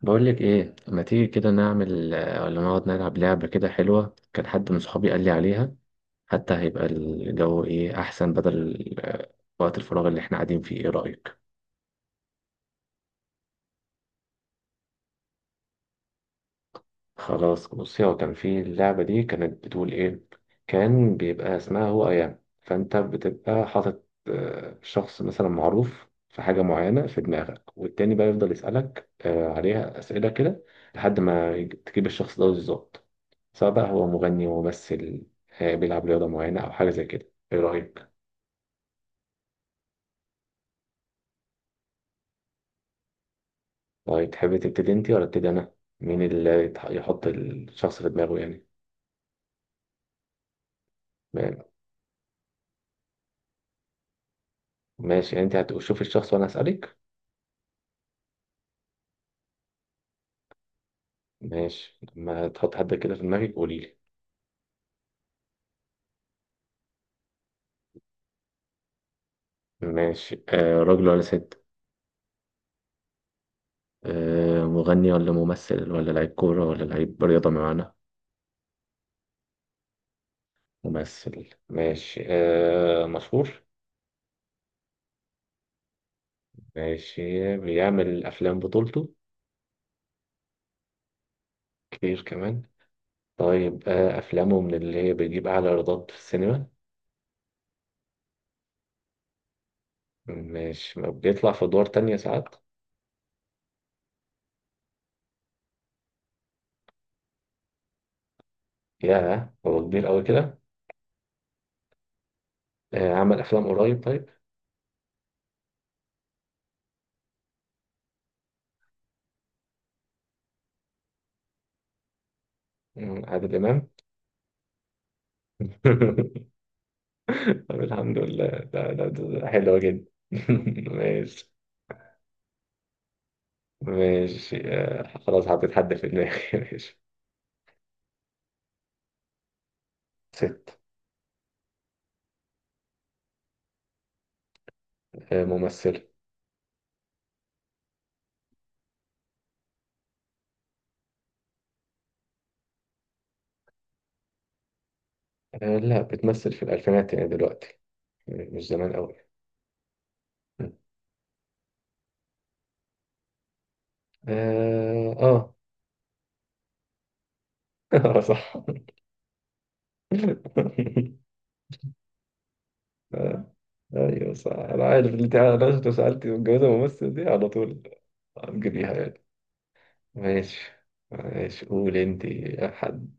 بقول لك ايه؟ ما تيجي كده نعمل ولا نقعد نلعب لعبة كده حلوة؟ كان حد من صحابي قال لي عليها. حتى هيبقى الجو ايه احسن؟ بدل وقت الفراغ اللي احنا قاعدين فيه، ايه رأيك؟ خلاص بصي، هو كان في اللعبة دي كانت بتقول إيه. كان بيبقى اسمها هو أيام، فأنت بتبقى حاطط شخص مثلا معروف في حاجة معينة في دماغك، والتاني بقى يفضل يسألك عليها أسئلة كده. لحد ما تجيب الشخص ده بالظبط. سواء بقى هو مغني، ممثل، بيلعب رياضة معينة أو حاجة زي كده. إيه رأيك؟ طيب تحبي تبتدي أنت ولا أبتدي أنا؟ مين اللي يحط الشخص في دماغه يعني؟ ماشي، يعني أنت هتشوفي الشخص وأنا هسألك. ماشي، لما تحط حد كده في دماغك قولي لي. ماشي. راجل ولا ست؟ مغني ولا ممثل ولا لعيب كورة ولا لعيب رياضة معانا؟ ممثل. ماشي. مشهور؟ ماشي، بيعمل أفلام بطولته؟ كتير كمان. طيب، أفلامه من اللي هي بيجيب أعلى إيرادات في السينما؟ ماشي. ما بيطلع في أدوار تانية ساعات؟ ياه، هو كبير أوي كده! عمل أفلام قريب؟ طيب. عادل إمام. طب الحمد لله. ده حلوة جدا. ماشي. ماشي، خلاص حطيت حد في دماغي. ماشي. ست. ممثلة. لا، بتمثل في الألفينات يعني دلوقتي. مش زمان أوي. آه، آه. آه، صح. آه، أيوه صح. أنا عارف اللي أنت، أنا لو سألتي متجوزة ممثل دي على طول هتجيبيها يعني. ماشي. ماشي، قول أنت يا حد.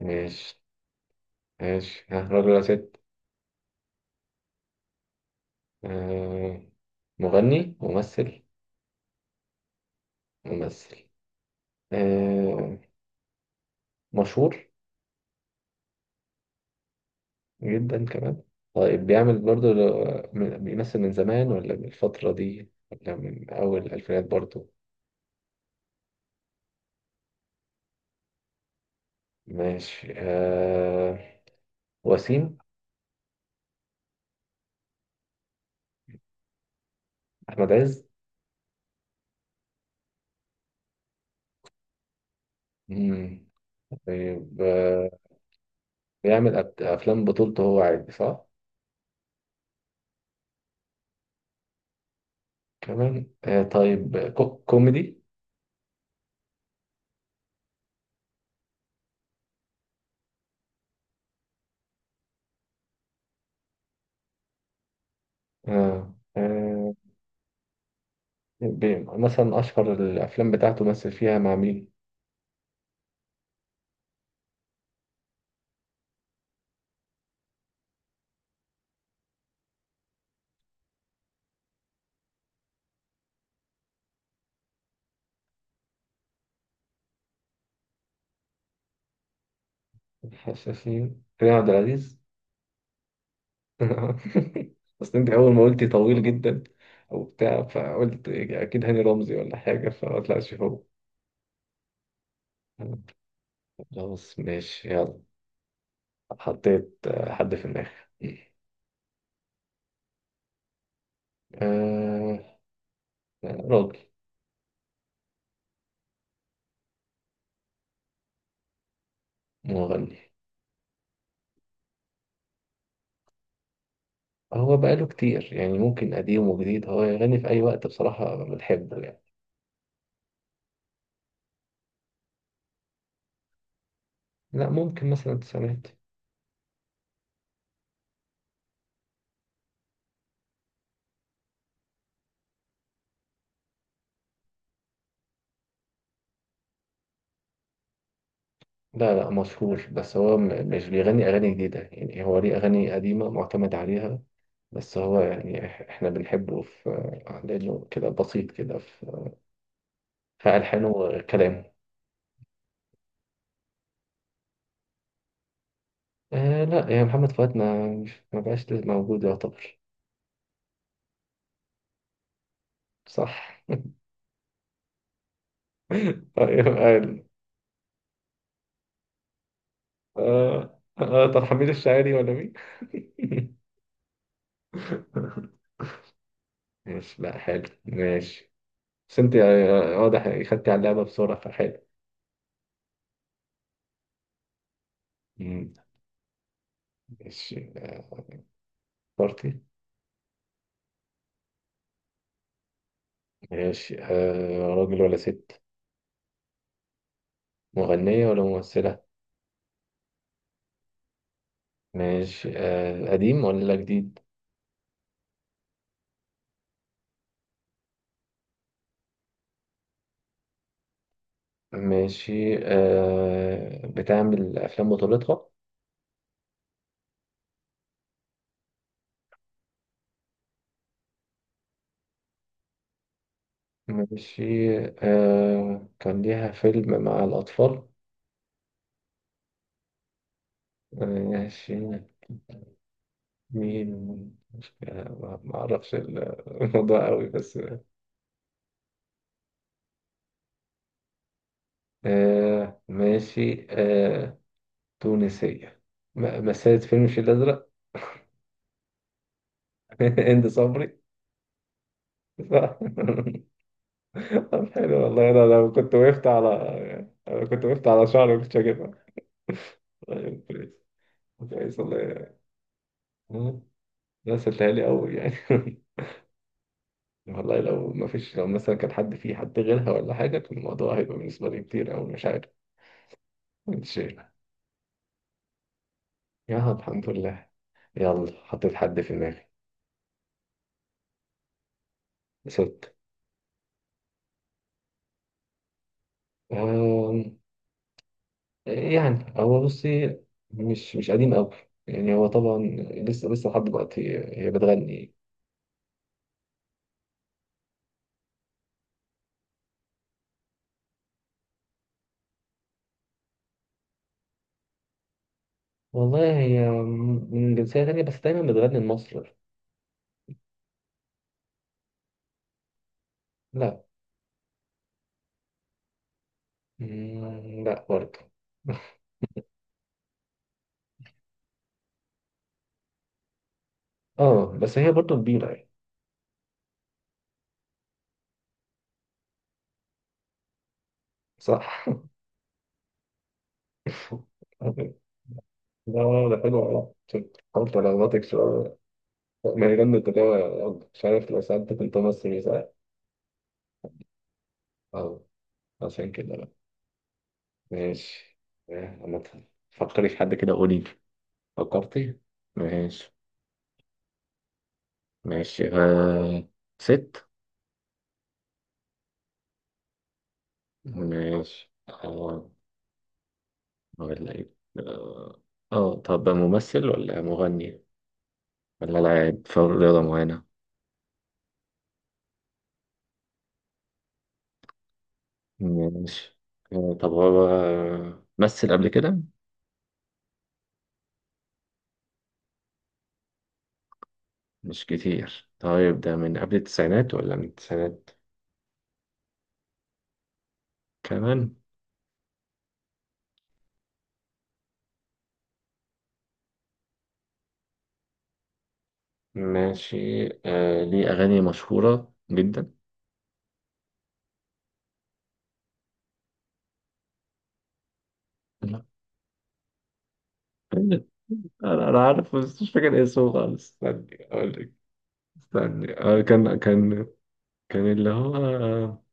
ماشي. ماشي. ها، راجل ولا ست؟ آه، مغني، ممثل؟ ممثل. آه، مشهور؟ جدا كمان. طيب، بيعمل برضو. بيمثل من زمان ولا من الفترة دي ولا من أول الألفينات برضو؟ ماشي. وسيم؟ أحمد عز؟ مم. طيب، بيعمل أفلام بطولته هو عادي صح؟ كمان. طيب، كوميدي؟ آه، آه، مثلا أشهر الأفلام بتاعته مثل فيها مع مين؟ حشاشين؟ كريم عبد العزيز. اصل انت اول ما قلتي طويل جدا وبتاع، فقلت اكيد هاني رمزي ولا حاجه، فما طلعش هو. خلاص ماشي، يلا. حطيت حد في دماغي. آه، راجل. مغني. هو بقاله كتير. يعني ممكن قديم وجديد، هو يغني في أي وقت. بصراحة بنحبه يعني. لا، ممكن مثلا التسعينات. لا، لا، مشهور، بس هو مش بيغني أغاني جديدة. يعني هو ليه أغاني قديمة معتمد عليها. بس هو يعني احنا بنحبه في. لانه كده بسيط كده في ألحانه وكلامه. آه، لا يا محمد فؤاد، ما بقاش لازم موجود يعتبر. صح. أيوة، قال. طب حميد الشاعري ولا مين؟ ماشي، لا حلو ماشي. بس انت واضح يعني خدتي على اللعبة بسرعة فحلو. مم. ماشي. اخترتي؟ ماشي. راجل ولا ست؟ مغنية ولا ممثلة؟ ماشي. قديم ولا جديد؟ ماشي. بتعمل أفلام بطولتها؟ ماشي. كان ليها فيلم مع الأطفال؟ ماشي. مين؟ مش، ما أعرفش الموضوع أوي بس. آه، ماشي. تونسية. مثلت فيلم الفيل الأزرق؟ هند صبري؟ صح. طب حلو والله. أنا لو كنت وقفت على شعري كنت هجيبها. طيب كويس. كويس. والله. لا، سهلتهالي أوي يعني. والله، لو ما فيش لو مثلا كان حد، فيه حد غيرها ولا حاجة، كان الموضوع هيبقى بالنسبة لي كتير أوي، مش عارف. مش. يا الحمد لله. يلا، حطيت حد في دماغي. ست. أم... يعني هو، بصي. مش قديم أوي. يعني هو طبعا. لسه لسه لحد دلوقتي هي بتغني. والله، هي من جنسية تانية بس دايما بتغني لمصر. لا. مم، لا برضه. اه، بس هي برضه كبيرة يعني. صح. لا، لا، لا، حلو والله. حاولت على غلطك شوية. مهرجان التجارة، يلا، مش عارف. لو سألتك أنت مصري ساعة؟ أه. عشان كده بقى. ماشي. أنا فكري في حد كده، قولي لي. فكرتي؟ ماشي. ماشي. ست؟ ماشي، أه. ولا إيه؟ أه. طب ممثل ولا مغني؟ ولا لاعب في رياضة معينة؟ ماشي. طب هو مثل قبل كده؟ مش كتير؟ طيب، ده من قبل التسعينات ولا من التسعينات؟ كمان. ماشي. ليه أغاني مشهورة جدا؟ لا. أنا عارف بس مش فاكر اسمه خالص. استني أقول لك. استني. كان. كان اللي هو،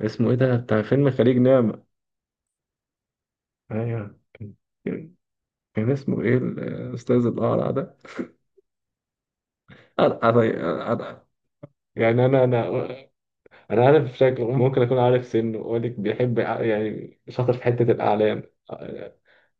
اسمه إيه ده، بتاع فيلم خليج نعمة. أيوه. كان كان اسمه إيه الأستاذ الأقرع ده؟ أنا يعني. أنا عارف شكله، ممكن أكون عارف سنه. أقول لك، بيحب يعني شاطر في حتة الأعلام.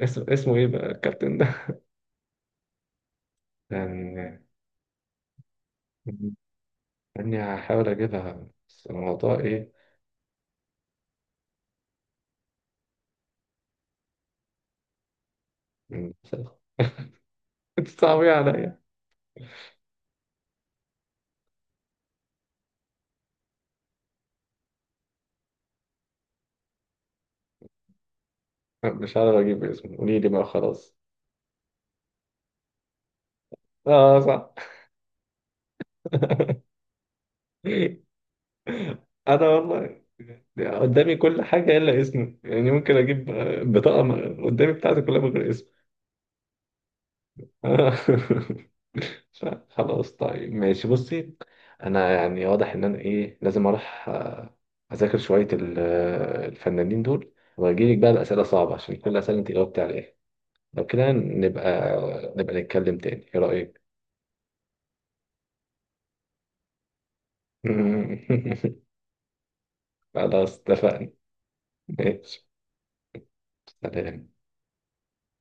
اسمه ايه بقى الكابتن ده؟ يعني اني هحاول اجيبها، بس الموضوع ايه. مم. انت صعبيه عليا. مش عارف اجيب اسمه، قولي لي بقى، خلاص. اه، صح. انا والله. قدامي كل حاجه الا اسمه. يعني ممكن اجيب. بطاقه. قدامي بتاعتي كلها من غير اسم. آه. خلاص طيب، ماشي بصي. انا يعني واضح ان انا ايه لازم اروح اذاكر شويه الفنانين دول، واجيلك بقى باسئله صعبه، عشان كل الاسئله انت جاوبتي عليها. لو كده نبقى. نبقى نتكلم تاني، ايه رايك؟ خلاص اتفقنا. ماشي. سلام.